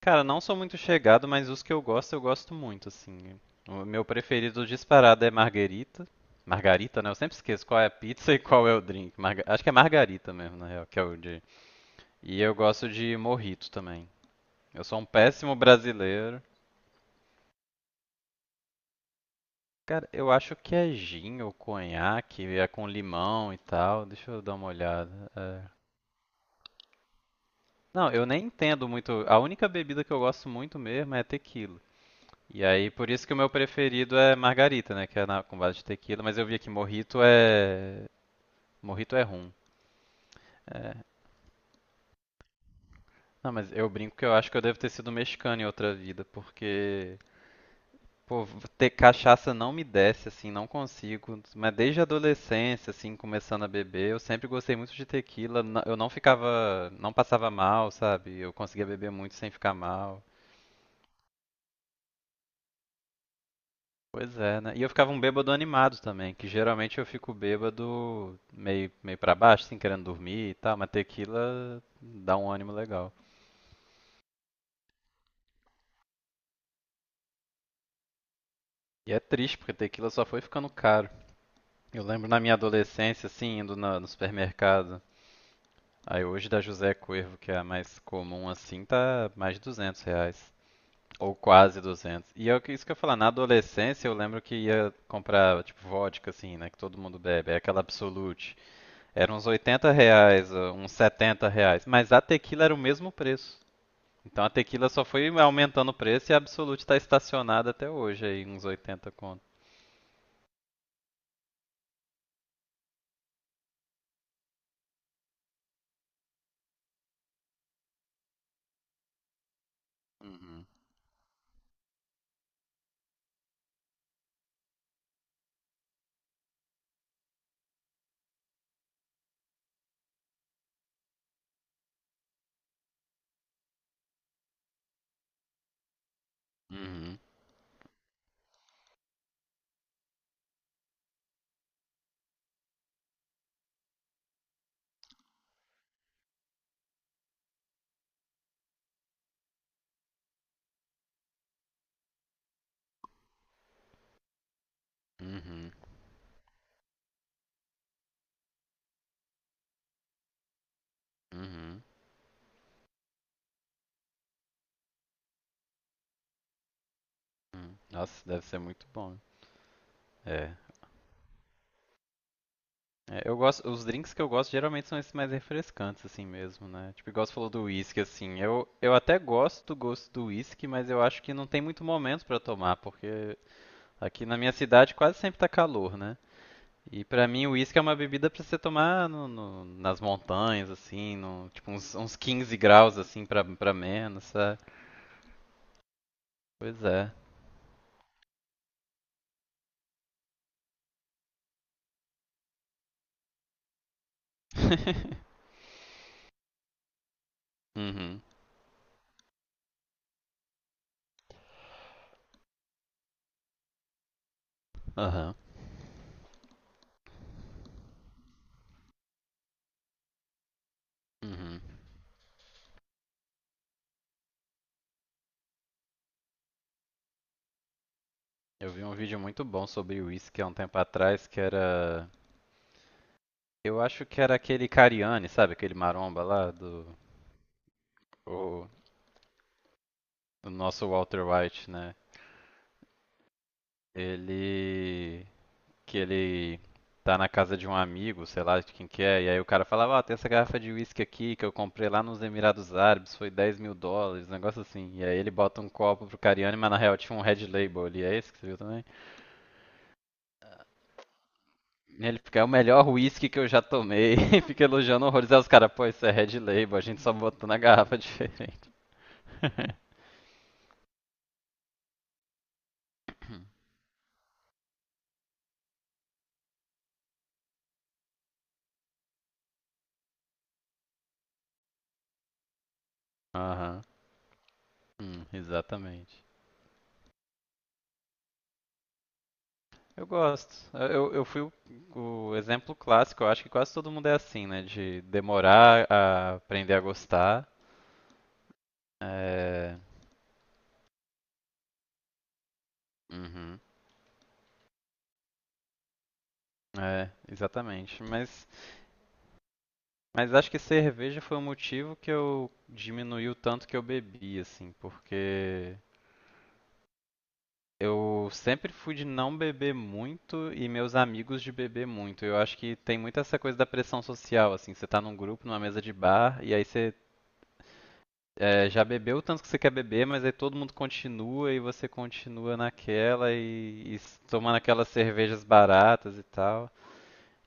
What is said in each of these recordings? Cara, não sou muito chegado, mas os que eu gosto muito, assim. O meu preferido disparado é marguerita. Margarita, né? Eu sempre esqueço qual é a pizza e qual é o drink. Acho que é margarita mesmo, na real, que é o de... E eu gosto de mojito também. Eu sou um péssimo brasileiro. Cara, eu acho que é gin ou conhaque, é com limão e tal. Deixa eu dar uma olhada. É. Não, eu nem entendo muito. A única bebida que eu gosto muito mesmo é tequila. E aí, por isso que o meu preferido é margarita, né? Que é com base de tequila, mas eu vi aqui mojito é. Mojito é rum. É. Não, mas eu brinco que eu acho que eu devo ter sido mexicano em outra vida, porque. Pô, ter cachaça não me desce, assim, não consigo. Mas desde a adolescência, assim, começando a beber, eu sempre gostei muito de tequila. Eu não ficava. Não passava mal, sabe? Eu conseguia beber muito sem ficar mal. Pois é, né? E eu ficava um bêbado animado também, que geralmente eu fico bêbado meio para baixo, assim, querendo dormir e tal, mas tequila dá um ânimo legal. E é triste, porque tequila só foi ficando caro. Eu lembro na minha adolescência, assim, indo no supermercado. Aí hoje da José Cuervo, que é a mais comum, assim, tá mais de R$ 200. Ou quase 200. E é isso que eu ia falar, na adolescência eu lembro que ia comprar, tipo, vodka, assim, né, que todo mundo bebe. É aquela Absolute. Era uns R$ 80, uns R$ 70. Mas a tequila era o mesmo preço. Então a tequila só foi aumentando o preço e a Absolute tá estacionada até hoje aí, uns 80 conto. Uhum. Uhum, uhum, uhum, uhum. Nossa, deve ser muito bom. É. É, eu gosto, os drinks que eu gosto geralmente são esses mais refrescantes, assim mesmo, né? Tipo, igual você falou do whisky, assim. Eu até gosto do whisky, mas eu acho que não tem muito momento pra tomar, porque aqui na minha cidade quase sempre tá calor, né? E pra mim, o uísque é uma bebida pra você tomar nas montanhas, assim, no, tipo uns 15 graus, assim, pra menos, sabe? Pois é. Uhum, aham, uhum. Eu vi um vídeo muito bom sobre uísque há um tempo atrás, que era... Eu acho que era aquele Cariani, sabe? Aquele maromba lá do... O, do nosso Walter White, né? Ele... Que ele tá na casa de um amigo, sei lá de quem que é, e aí o cara falava, ó, tem essa garrafa de uísque aqui que eu comprei lá nos Emirados Árabes, foi US$ 10 mil, um negócio assim. E aí ele bota um copo pro Cariani, mas na real tinha um Red Label ali, é esse que você viu também? E ele fica, é o melhor uísque que eu já tomei, e fica elogiando horrores. Aí os caras, pô, isso é Red Label, a gente só botou na garrafa diferente. Aham, exatamente. Eu gosto. Eu fui o exemplo clássico, eu acho que quase todo mundo é assim, né? De demorar a aprender a gostar. É... Uhum. É, exatamente. Mas acho que cerveja foi o motivo que eu diminui o tanto que eu bebi, assim, porque eu sempre fui de não beber muito e meus amigos de beber muito. Eu acho que tem muito essa coisa da pressão social, assim, você tá num grupo, numa mesa de bar, e aí você. É, já bebeu o tanto que você quer beber, mas aí todo mundo continua e você continua naquela e tomando aquelas cervejas baratas e tal.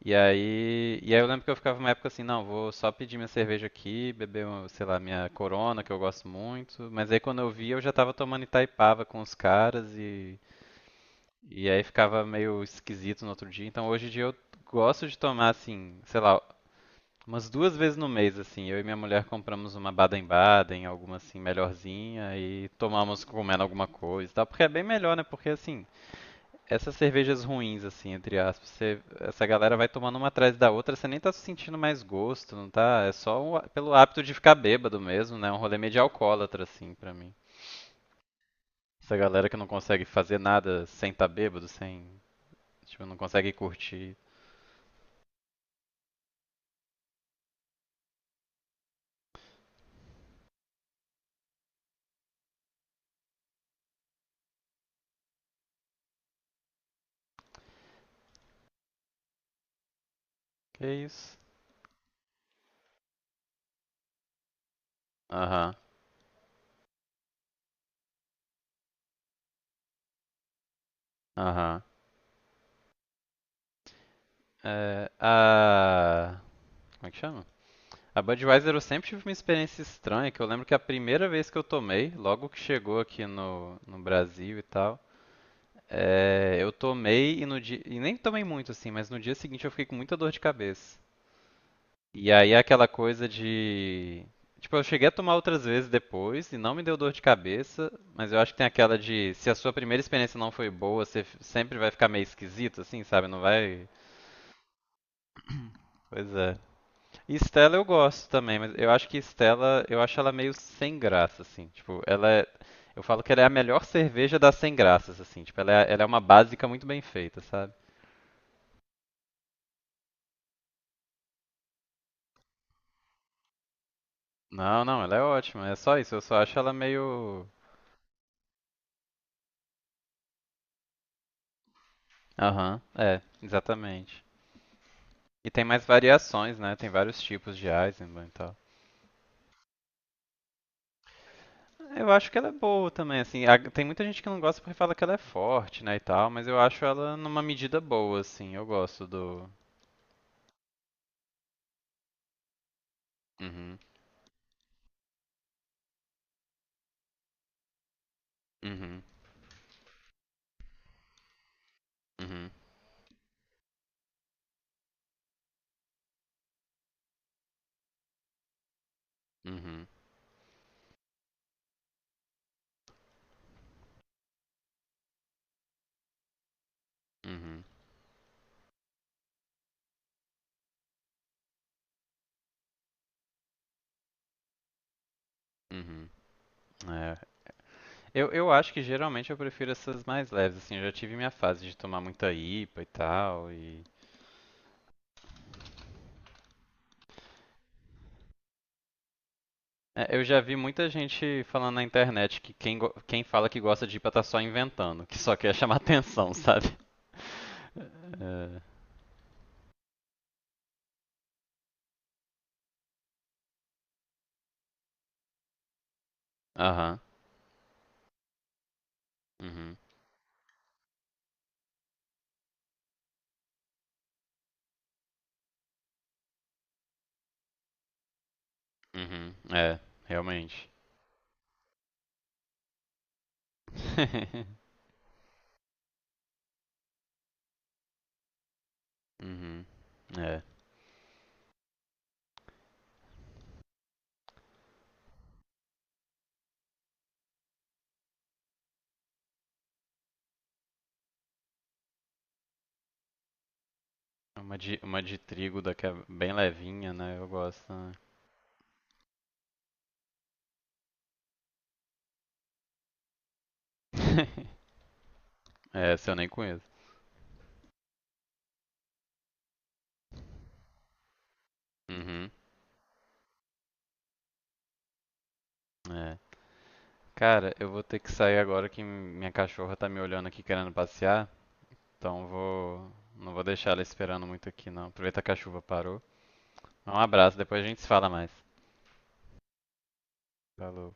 E aí eu lembro que eu ficava uma época assim, não, vou só pedir minha cerveja aqui, beber, uma, sei lá, minha Corona, que eu gosto muito. Mas aí quando eu vi, eu já tava tomando Itaipava com os caras e aí ficava meio esquisito no outro dia. Então hoje em dia eu gosto de tomar assim, sei lá. Umas duas vezes no mês, assim, eu e minha mulher compramos uma Baden-Baden, alguma assim melhorzinha e tomamos comendo alguma coisa e tal, porque é bem melhor, né? Porque assim, essas cervejas ruins, assim, entre aspas, essa galera vai tomando uma atrás da outra, você nem tá sentindo mais gosto, não tá? É só pelo hábito de ficar bêbado mesmo, né? Um rolê meio de alcoólatra, assim, pra mim. Essa galera que não consegue fazer nada sem tá bêbado, sem, tipo, não consegue curtir. Que isso? Aham, aham. É, a... Como é que chama? A Budweiser eu sempre tive uma experiência estranha, que eu lembro que a primeira vez que eu tomei, logo que chegou aqui no Brasil e tal, é, eu tomei e no dia, e nem tomei muito assim, mas no dia seguinte eu fiquei com muita dor de cabeça. E aí aquela coisa de, tipo, eu cheguei a tomar outras vezes depois e não me deu dor de cabeça, mas eu acho que tem aquela de se a sua primeira experiência não foi boa, você sempre vai ficar meio esquisito assim, sabe? Não vai, pois é. E Stella eu gosto também, mas eu acho que Stella, eu acho ela meio sem graça, assim. Tipo, ela é. Eu falo que ela é a melhor cerveja das sem graças, assim. Tipo, ela é uma básica muito bem feita, sabe? Não, não, ela é ótima. É só isso. Eu só acho ela meio. Aham, é, exatamente. E tem mais variações, né? Tem vários tipos de Eisenbahn e tal. Eu acho que ela é boa também, assim. Tem muita gente que não gosta porque fala que ela é forte, né, e tal, mas eu acho ela numa medida boa, assim. Eu gosto do. Uhum, uhum, uhum, uhum. Uhum, uhum. É. Eu acho que geralmente eu prefiro essas mais leves, assim, eu já tive minha fase de tomar muita IPA e tal, e... É, eu já vi muita gente falando na internet que quem fala que gosta de IPA tá só inventando, que só quer chamar atenção, sabe? É. Aham, uhum, uhum, é, realmente. Uhum, é. Uma de trigo da que é bem levinha, né? Eu gosto, né? É, essa eu nem conheço. Uhum, é. Cara, eu vou ter que sair agora que minha cachorra tá me olhando aqui querendo passear, então vou, não vou deixar ela esperando muito aqui não. Aproveita que a chuva parou. Um abraço, depois a gente se fala mais. Falou.